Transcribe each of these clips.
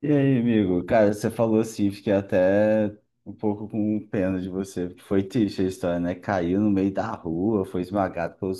E aí, amigo? Cara, você falou assim, fiquei até um pouco com pena de você, porque foi triste a história, né? Caiu no meio da rua, foi esmagado pelo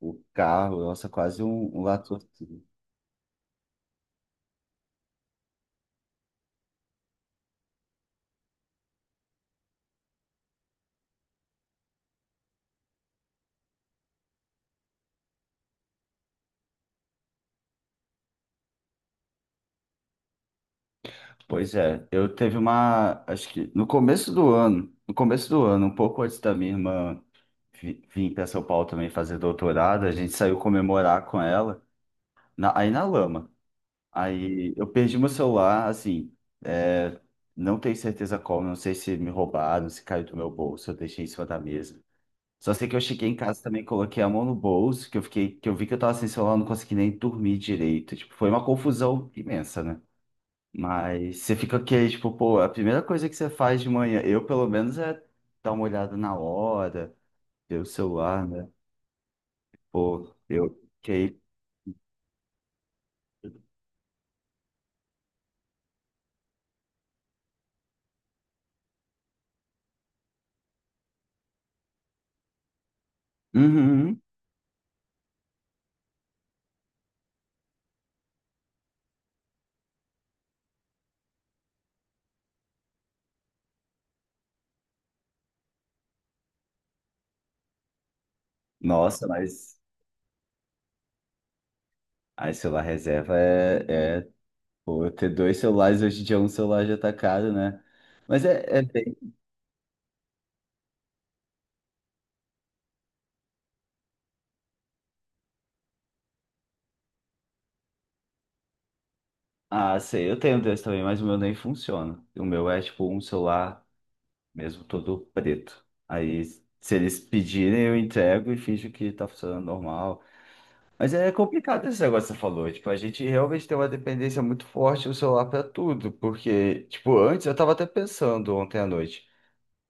o carro, nossa, quase um latrocínio. Pois é, eu teve uma, acho que no começo do ano, um pouco antes da minha irmã vir para São Paulo também fazer doutorado, a gente saiu comemorar com ela, aí na lama. Aí eu perdi meu celular, assim, é, não tenho certeza como, não sei se me roubaram, se caiu do meu bolso, eu deixei em cima da mesa. Só sei que eu cheguei em casa também, coloquei a mão no bolso, que eu vi que eu tava sem celular, não consegui nem dormir direito. Tipo, foi uma confusão imensa, né? Mas você fica aqui, tipo, pô, é a primeira coisa que você faz de manhã, eu pelo menos é dar uma olhada na hora, ver o celular, né? Pô, eu fiquei. Uhum, uhum. Nossa, mas aí celular reserva é pô, ter dois celulares hoje em dia, um celular já tá caro, né? Mas é, é bem... Ah, sei, eu tenho dois também, mas o meu nem funciona. O meu é tipo um celular mesmo todo preto. Aí, se eles pedirem, eu entrego e finjo que tá funcionando normal. Mas é complicado esse negócio que você falou. Tipo, a gente realmente tem uma dependência muito forte do celular pra tudo. Porque, tipo, antes eu tava até pensando ontem à noite.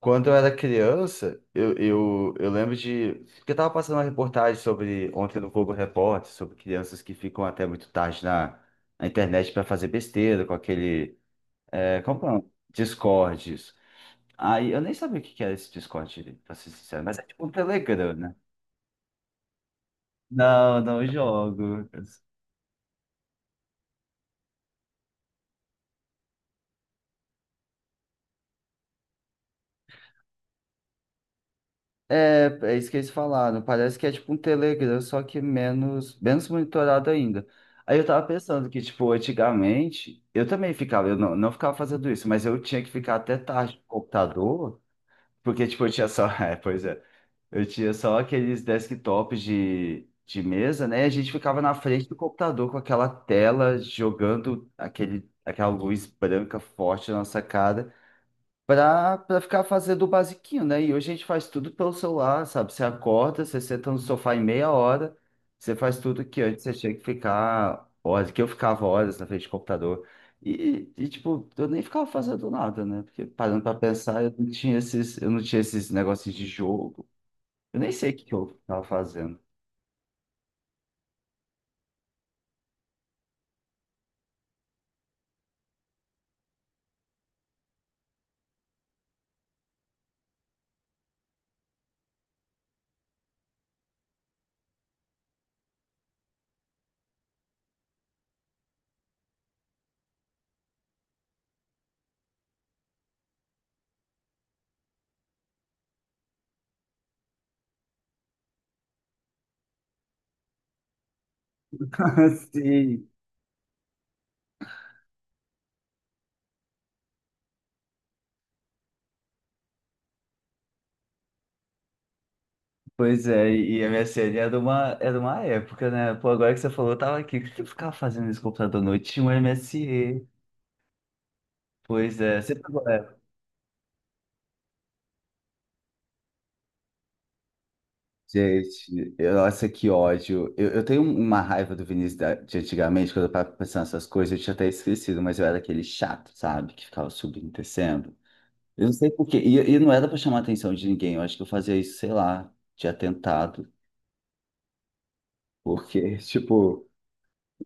Quando eu era criança, eu lembro de. Porque eu tava passando uma reportagem sobre, ontem no Globo Repórter, sobre crianças que ficam até muito tarde na internet para fazer besteira com aquele. É, como que é o nome? Discords. Aí eu nem sabia o que que era esse Discord, pra ser sincero, mas é tipo um Telegram, né? Não, não jogo. É, é isso que eles falaram. Parece que é tipo um Telegram, só que menos, menos monitorado ainda. Aí eu tava pensando que, tipo, antigamente, eu também ficava, eu não, não ficava fazendo isso, mas eu tinha que ficar até tarde no computador, porque, tipo, eu tinha só, é, pois é, eu tinha só aqueles desktops de mesa, né? E a gente ficava na frente do computador com aquela tela jogando aquele, aquela luz branca forte na nossa cara pra ficar fazendo o basiquinho, né? E hoje a gente faz tudo pelo celular, sabe? Você acorda, você senta no sofá em meia hora, você faz tudo que antes você tinha que ficar horas, que eu ficava horas na frente do computador. E, tipo, eu nem ficava fazendo nada, né? Porque parando pra pensar, eu não tinha esses negócios de jogo. Eu nem sei o que que eu tava fazendo. Sim. Pois é, e a MSN era uma época, né? Pô, agora que você falou, eu tava aqui. O que que eu ficava fazendo nesse computador à noite? Tinha um MSN. Pois é, você pegou, é. Gente, nossa, que ódio. Eu tenho uma raiva do Vinícius de antigamente, quando eu tava pensando nessas coisas, eu tinha até esquecido, mas eu era aquele chato, sabe? Que ficava subindo e descendo. Eu não sei por quê. E não era pra chamar a atenção de ninguém. Eu acho que eu fazia isso, sei lá, de atentado. Porque, tipo,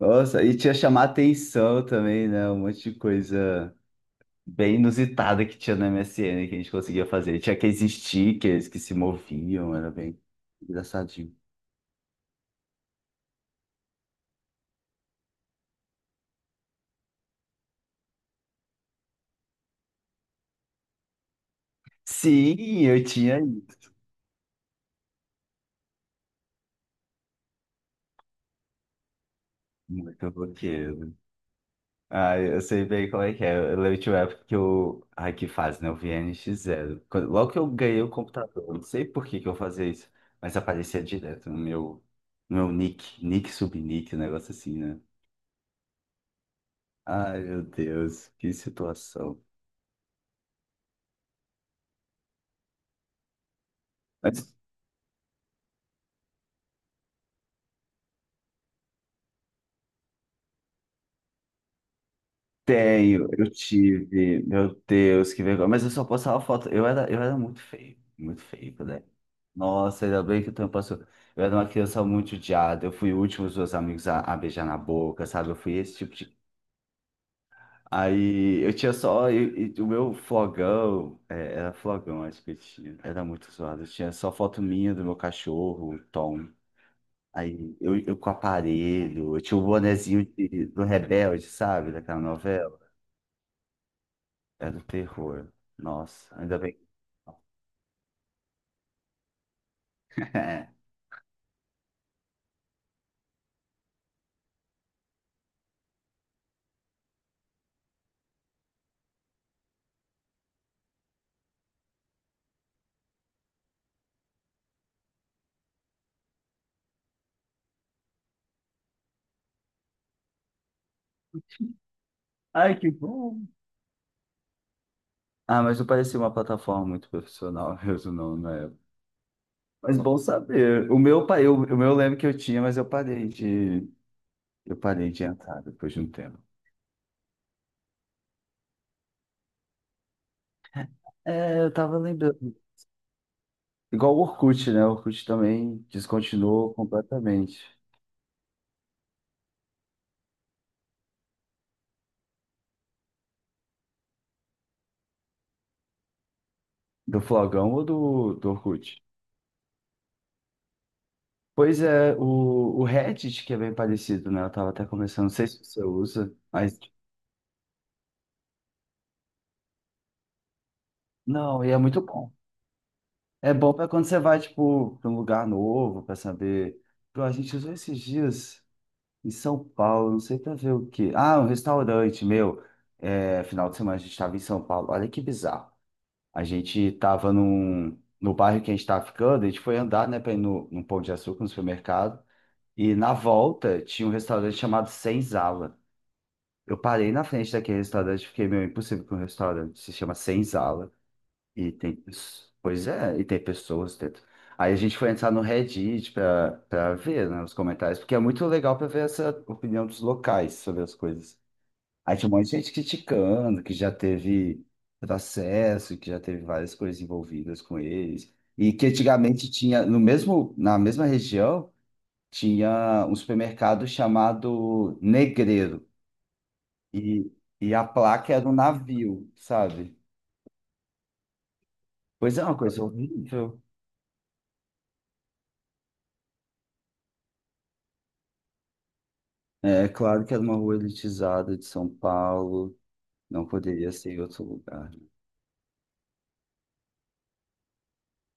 nossa, e tinha chamar atenção também, né? Um monte de coisa bem inusitada que tinha no MSN que a gente conseguia fazer. Tinha aqueles stickers que se moviam, era bem engraçadinho. Sim, eu tinha isso. Muito roqueiro. Ah, eu sei bem como é que é. Eu lembro de uma época que eu. Ai, que fase, né? Eu vi NX Zero. Quando- logo que eu ganhei o computador, eu não sei por que que eu fazia isso, mas aparecia direto no meu nick, nick subnick, um negócio assim, né? Ai, meu Deus, que situação. Tenho, eu tive, meu Deus, que vergonha. Mas eu só postava foto. Eu era muito feio, né? Nossa, ainda bem que o tempo passou. Eu era uma criança muito odiada. Eu fui o último dos meus amigos a beijar na boca, sabe? Eu fui esse tipo de. Aí eu tinha só. E o meu flogão, é, era flogão, acho que eu tinha. Era muito zoado. Eu tinha só foto minha do meu cachorro, o Tom. Aí eu com aparelho, eu tinha o bonezinho do Rebelde, sabe? Daquela novela. É do terror. Nossa, ainda bem. Ai, que bom. Ah, mas não parecia uma plataforma muito profissional mesmo, não, na época. Mas bom saber. O meu, o meu eu lembro que eu tinha, mas eu parei de entrar depois de um tempo. É, eu tava lembrando. Igual o Orkut, né? O Orkut também descontinuou completamente. Do Flogão ou do Orkut? Pois é, o Reddit, que é bem parecido, né? Eu tava até começando, não sei se você usa, mas. Não, e é muito bom. É bom para quando você vai, tipo, para um lugar novo, para saber. Pô, a gente usou esses dias em São Paulo, não sei para ver o quê. Ah, um restaurante, meu. É, final de semana a gente estava em São Paulo. Olha que bizarro. A gente estava no bairro que a gente estava ficando, a gente foi andar, né, para ir no, num Pão de Açúcar, no supermercado. E na volta tinha um restaurante chamado Senzala. Eu parei na frente daquele restaurante, fiquei meio impossível com um restaurante, se chama Senzala. E tem, pois é, e tem pessoas dentro. Aí a gente foi entrar no Reddit para ver, né, os comentários, porque é muito legal para ver essa opinião dos locais sobre as coisas. Aí tinha um monte de gente criticando, que já teve processo, que já teve várias coisas envolvidas com eles. E que antigamente tinha, no mesmo, na mesma região, tinha um supermercado chamado Negreiro. E, e a placa era um navio, sabe? Pois é, uma coisa horrível. É é claro que era uma rua elitizada de São Paulo, não poderia ser em outro lugar.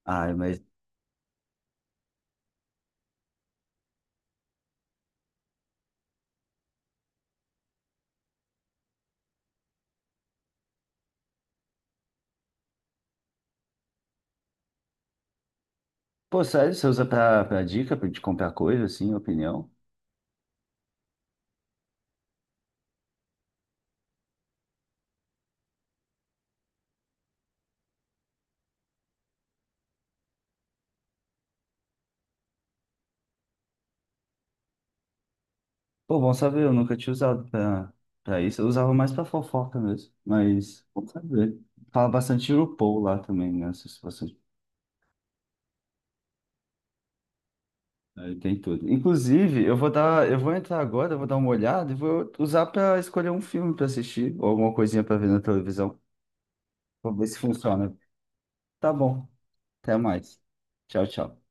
Ai, mas, pô, sério, você usa pra dica, pra de comprar coisa, assim, opinião? Pô, bom saber, eu nunca tinha usado pra isso, eu usava mais pra fofoca mesmo, mas, bom saber. Fala bastante de RuPaul lá também, né, essas situações. Aí tem tudo. Inclusive, eu vou entrar agora, eu vou dar uma olhada e vou usar pra escolher um filme pra assistir, ou alguma coisinha pra ver na televisão, pra ver se funciona. Tá bom, até mais. Tchau, tchau.